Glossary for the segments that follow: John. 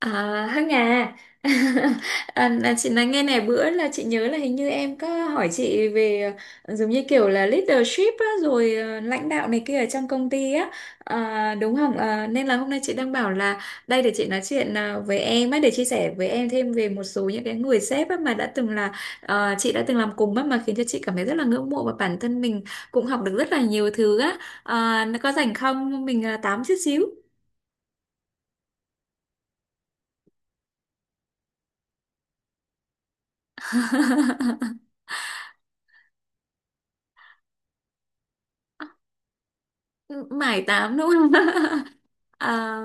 À, Hằng à. Là chị nói nghe này, bữa là chị nhớ là hình như em có hỏi chị về giống như kiểu là leadership á, rồi lãnh đạo này kia ở trong công ty á, à, đúng không? À, nên là hôm nay chị đang bảo là đây để chị nói chuyện với em á, để chia sẻ với em thêm về một số những cái người sếp á, mà đã từng là chị đã từng làm cùng á, mà khiến cho chị cảm thấy rất là ngưỡng mộ và bản thân mình cũng học được rất là nhiều thứ á. À, có rảnh không? Mình tám chút xíu. Mải tám đúng không? À,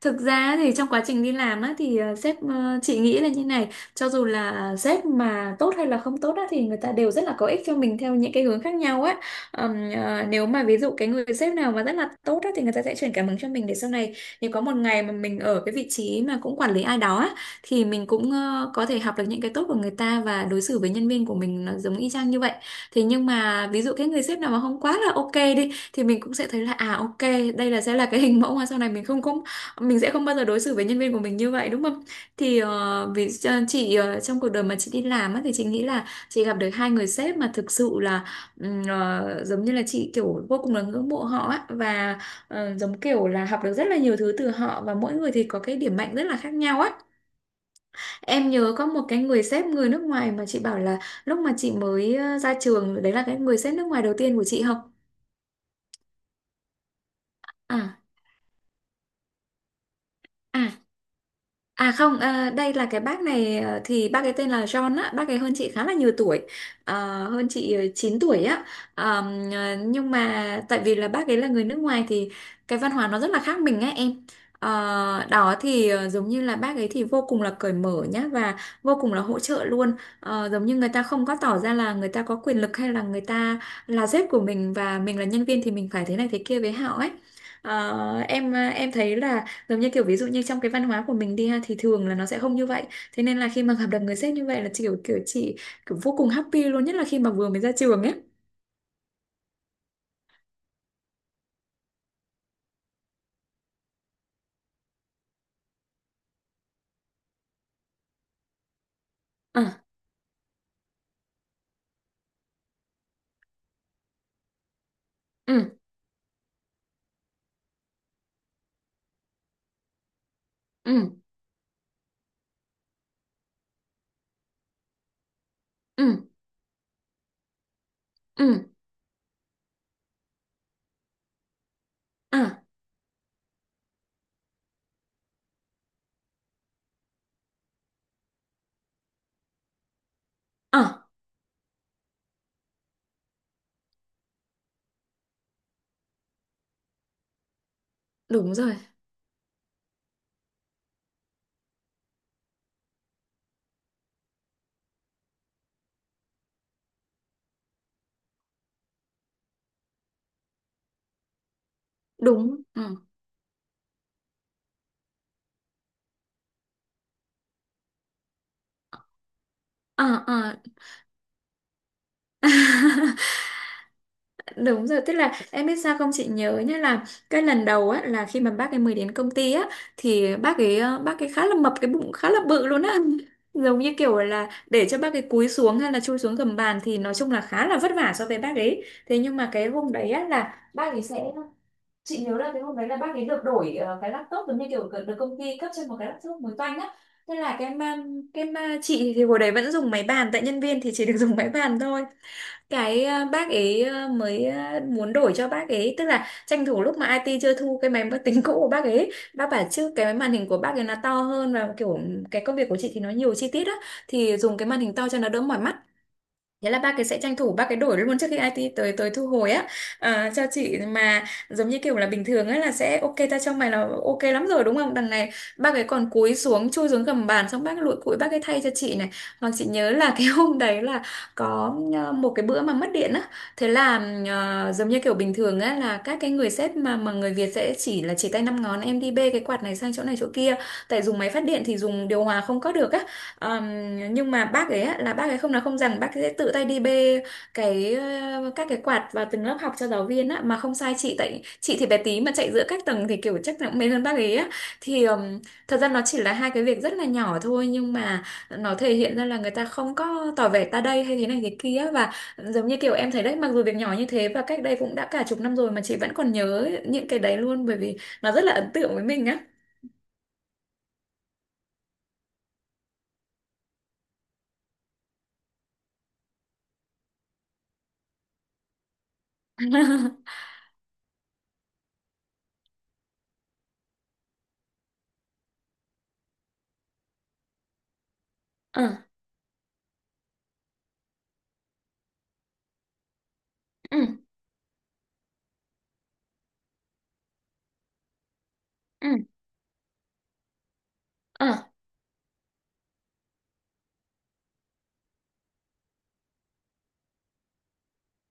thực ra thì trong quá trình đi làm á, thì sếp, chị nghĩ là như này, cho dù là sếp mà tốt hay là không tốt á, thì người ta đều rất là có ích cho mình theo những cái hướng khác nhau á. Nếu mà ví dụ cái người sếp nào mà rất là tốt á, thì người ta sẽ truyền cảm hứng cho mình để sau này nếu có một ngày mà mình ở cái vị trí mà cũng quản lý ai đó á, thì mình cũng có thể học được những cái tốt của người ta và đối xử với nhân viên của mình nó giống y chang như vậy. Thế nhưng mà ví dụ cái người sếp nào mà không quá là ok đi, thì mình cũng sẽ thấy là à ok, đây là sẽ là cái hình mẫu mà sau này mình sẽ không bao giờ đối xử với nhân viên của mình như vậy, đúng không? Thì vì trong cuộc đời mà chị đi làm á, thì chị nghĩ là chị gặp được hai người sếp mà thực sự là giống như là chị kiểu vô cùng là ngưỡng mộ họ á, và giống kiểu là học được rất là nhiều thứ từ họ, và mỗi người thì có cái điểm mạnh rất là khác nhau á. Em nhớ có một cái người sếp người nước ngoài mà chị bảo là lúc mà chị mới ra trường đấy là cái người sếp nước ngoài đầu tiên của chị không? à à À không, à, đây là cái bác này, thì bác ấy tên là John á, bác ấy hơn chị khá là nhiều tuổi, hơn chị 9 tuổi á. Nhưng mà tại vì là bác ấy là người nước ngoài thì cái văn hóa nó rất là khác mình á em. Ờ, đó thì giống như là bác ấy thì vô cùng là cởi mở nhá, và vô cùng là hỗ trợ luôn. Ờ, giống như người ta không có tỏ ra là người ta có quyền lực hay là người ta là sếp của mình và mình là nhân viên thì mình phải thế này thế kia với họ ấy. Em thấy là giống như kiểu ví dụ như trong cái văn hóa của mình đi ha, thì thường là nó sẽ không như vậy. Thế nên là khi mà gặp được người sếp như vậy là chị kiểu vô cùng happy luôn, nhất là khi mà vừa mới ra trường ấy. À, ừ, ừ, ừ, ừ, à, à, đúng rồi. Đúng. Ừ. À, à, đúng rồi, tức là em biết sao không, chị nhớ nhá là cái lần đầu á, là khi mà bác ấy mới đến công ty á, thì bác ấy khá là mập, cái bụng khá là bự luôn á. Giống như kiểu là để cho bác ấy cúi xuống hay là chui xuống gầm bàn thì nói chung là khá là vất vả so với bác ấy. Thế nhưng mà cái hôm đấy á là bác ấy sẽ chị nhớ là cái hôm đấy là bác ấy được đổi cái laptop, giống như kiểu được được công ty cấp cho một cái laptop mới toanh á. Thế là cái ma chị thì hồi đấy vẫn dùng máy bàn, tại nhân viên thì chỉ được dùng máy bàn thôi. Bác ấy muốn đổi cho bác ấy, tức là tranh thủ lúc mà IT chưa thu cái máy tính cũ của bác ấy, bác bảo chứ cái màn hình của bác ấy nó to hơn và kiểu cái công việc của chị thì nó nhiều chi tiết á, thì dùng cái màn hình to cho nó đỡ mỏi mắt. Thế là ba cái sẽ tranh thủ ba cái đổi luôn trước khi IT tới tới thu hồi á, à, cho chị mà giống như kiểu là bình thường ấy là sẽ ok ta trong mày là ok lắm rồi đúng không, đằng này ba cái còn cúi xuống chui xuống gầm bàn xong bác lụi cụi bác cái thay cho chị này. Hoặc chị nhớ là cái hôm đấy là có một cái bữa mà mất điện á. Thế là giống như kiểu bình thường á là các cái người sếp mà người Việt sẽ chỉ tay năm ngón, em đi bê cái quạt này sang chỗ này chỗ kia, tại dùng máy phát điện thì dùng điều hòa không có được á. Ờm, nhưng mà bác ấy á, là bác ấy không nói không rằng bác ấy sẽ tự tay đi bê các cái quạt vào từng lớp học cho giáo viên á, mà không sai chị tại chị thì bé tí mà chạy giữa các tầng thì kiểu chắc là cũng mệt hơn bác ấy á. Thì Thật ra nó chỉ là hai cái việc rất là nhỏ thôi, nhưng mà nó thể hiện ra là người ta không có tỏ vẻ ta đây hay thế này thế kia, và giống như kiểu em thấy đấy, mặc dù việc nhỏ như thế và cách đây cũng đã cả chục năm rồi mà chị vẫn còn nhớ những cái đấy luôn, bởi vì nó rất là ấn tượng với mình á. ờ ừ ừ ừ ờ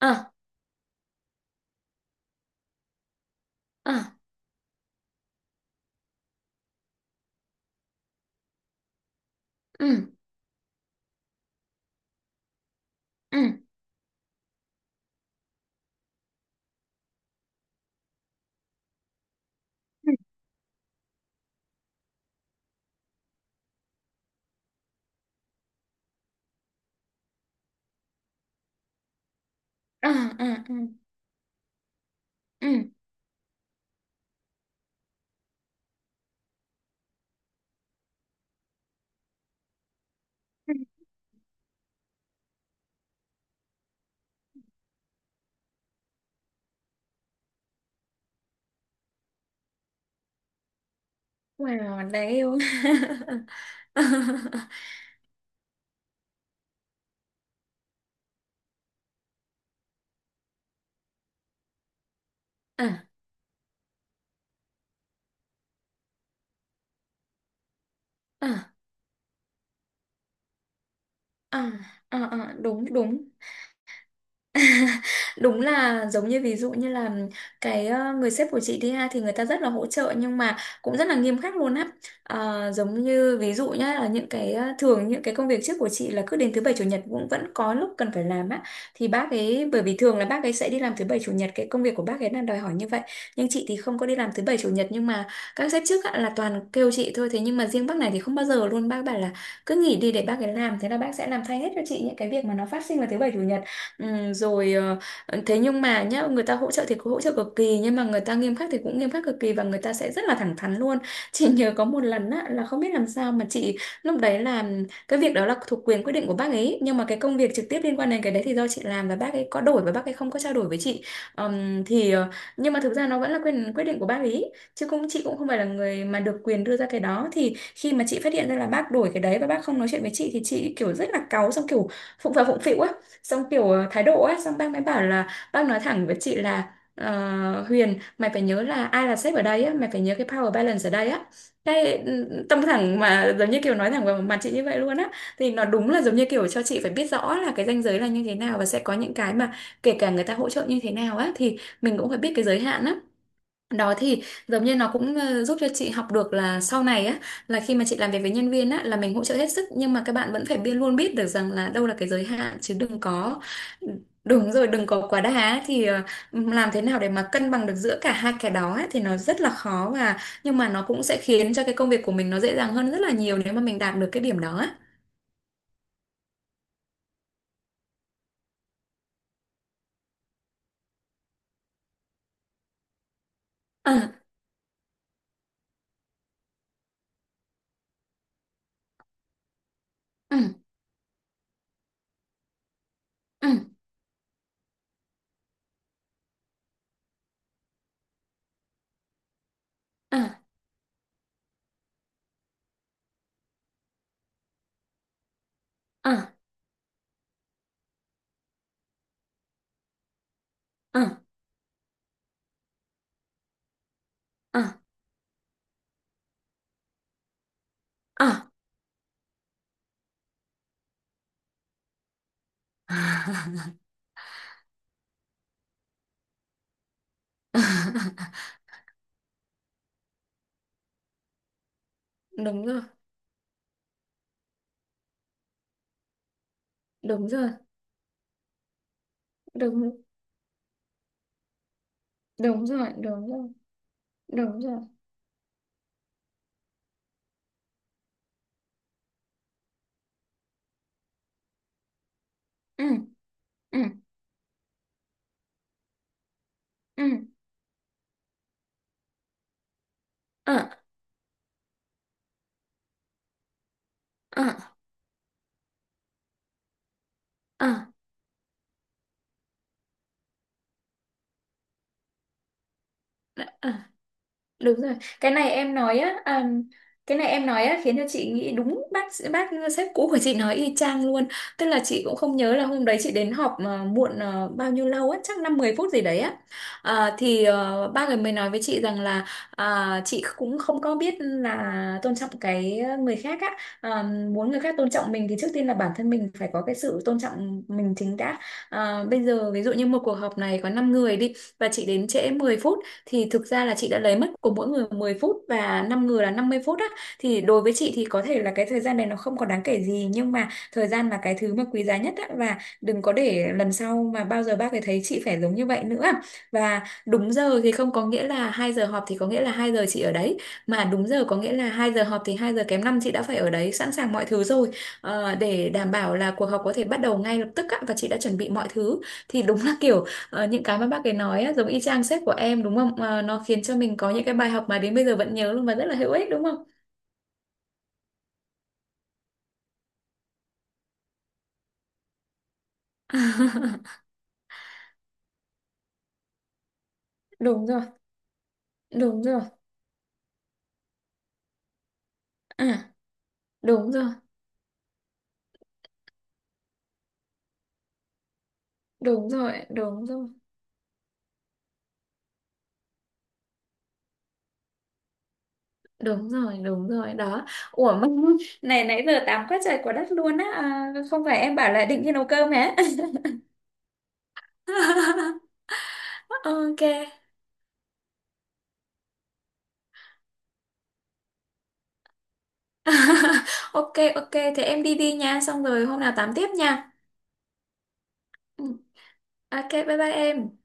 ờ ờ. ừ ừ ừ ừ ừ ừ ừ ừ. Wow, đáng yêu. à, à, ờ, ờ, Đúng đúng. Đúng là giống như ví dụ như là người sếp của chị đi ha, thì người ta rất là hỗ trợ nhưng mà cũng rất là nghiêm khắc luôn á. Ờ, giống như ví dụ nhá, là những cái thường những cái công việc trước của chị là cứ đến thứ bảy chủ nhật cũng vẫn có lúc cần phải làm á, thì bác ấy, bởi vì thường là bác ấy sẽ đi làm thứ bảy chủ nhật, cái công việc của bác ấy là đòi hỏi như vậy, nhưng chị thì không có đi làm thứ bảy chủ nhật, nhưng mà các sếp trước á, là toàn kêu chị thôi, thế nhưng mà riêng bác này thì không bao giờ luôn, bác bảo là cứ nghỉ đi để bác ấy làm, thế là bác sẽ làm thay hết cho chị những cái việc mà nó phát sinh vào thứ bảy chủ nhật. Ừ, rồi ờ, Thế nhưng mà nhá, người ta hỗ trợ thì cũng hỗ trợ cực kỳ, nhưng mà người ta nghiêm khắc thì cũng nghiêm khắc cực kỳ, và người ta sẽ rất là thẳng thắn luôn. Chị nhớ có một lần á, là không biết làm sao mà chị lúc đấy làm cái việc đó là thuộc quyền quyết định của bác ấy, nhưng mà cái công việc trực tiếp liên quan đến cái đấy thì do chị làm, và bác ấy có đổi và bác ấy không có trao đổi với chị. Ờm, thì ờ, nhưng mà thực ra nó vẫn là quyền quyết định của bác ấy chứ chị cũng không phải là người mà được quyền đưa ra cái đó, thì khi mà chị phát hiện ra là bác đổi cái đấy và bác không nói chuyện với chị, thì chị kiểu rất là cáu, xong kiểu phụng phà phụng phịu á, xong kiểu thái độ ấy, xong bác mới bảo là bác nói thẳng với chị là "Ờ, Huyền, mày phải nhớ là ai là sếp ở đây á, mày phải nhớ cái power balance ở đây á, tâm thẳng" mà giống như kiểu nói thẳng vào mặt chị như vậy luôn á, thì nó đúng là giống như kiểu cho chị phải biết rõ là cái ranh giới là như thế nào, và sẽ có những cái mà kể cả người ta hỗ trợ như thế nào á, thì mình cũng phải biết cái giới hạn á. Đó thì giống như nó cũng giúp cho chị học được là sau này á, là khi mà chị làm việc với nhân viên á, là mình hỗ trợ hết sức, nhưng mà các bạn vẫn phải biết, luôn biết được rằng là đâu là cái giới hạn, chứ đừng có đúng rồi, đừng có quá đà á. Thì làm thế nào để mà cân bằng được giữa cả hai cái đó á, thì nó rất là khó, và nhưng mà nó cũng sẽ khiến cho cái công việc của mình nó dễ dàng hơn rất là nhiều nếu mà mình đạt được cái điểm đó á. Ờ, ừ, ừ, ờ, ờ, ờ, ờ, ờ. Đúng rồi, đúng rồi, đúng. Đúng rồi, đúng rồi, đúng rồi. Ừ, ừ, ừ, ờ, ờ, ờ, ờ. Đúng rồi, cái này em nói á, cái này em nói á khiến cho chị nghĩ đúng bác sếp cũ của chị nói y chang luôn. Tức là chị cũng không nhớ là hôm đấy chị đến họp mà muộn bao nhiêu lâu á, chắc năm mười phút gì đấy á. Ba người mới nói với chị rằng là à, chị cũng không có biết là tôn trọng cái người khác á. Ờ, muốn người khác tôn trọng mình thì trước tiên là bản thân mình phải có cái sự tôn trọng mình chính đã. Ờ, bây giờ ví dụ như một cuộc họp này có 5 người đi, và chị đến trễ 10 phút, thì thực ra là chị đã lấy mất của mỗi người 10 phút, và 5 người là 50 phút á, thì đối với chị thì có thể là cái thời gian này nó không còn đáng kể gì, nhưng mà thời gian là cái thứ mà quý giá nhất á, và đừng có để lần sau mà bao giờ bác ấy thấy chị phải giống như vậy nữa. Và đúng giờ thì không có nghĩa là 2 giờ họp thì có nghĩa là 2 giờ chị ở đấy, mà đúng giờ có nghĩa là 2 giờ họp thì 2 giờ kém 5 chị đã phải ở đấy, sẵn sàng mọi thứ rồi. Ờ, để đảm bảo là cuộc họp có thể bắt đầu ngay lập tức á, và chị đã chuẩn bị mọi thứ, thì đúng là kiểu, ờ, những cái mà bác ấy nói á, giống y chang sếp của em đúng không? Ờ, nó khiến cho mình có những cái bài học mà đến bây giờ vẫn nhớ luôn, và rất là hữu ích đúng không? Đúng rồi, đúng rồi, à, đúng rồi, đúng rồi, đúng rồi, đúng rồi, đúng rồi, đó. Ủa mà này nãy giờ tám quá trời quá đất luôn á, à, không phải em bảo là định đi nấu cơm hả? Ok. Ok, ok, thế em đi đi nha, xong rồi hôm nào tám tiếp nha. Ừ. Ok, bye bye em.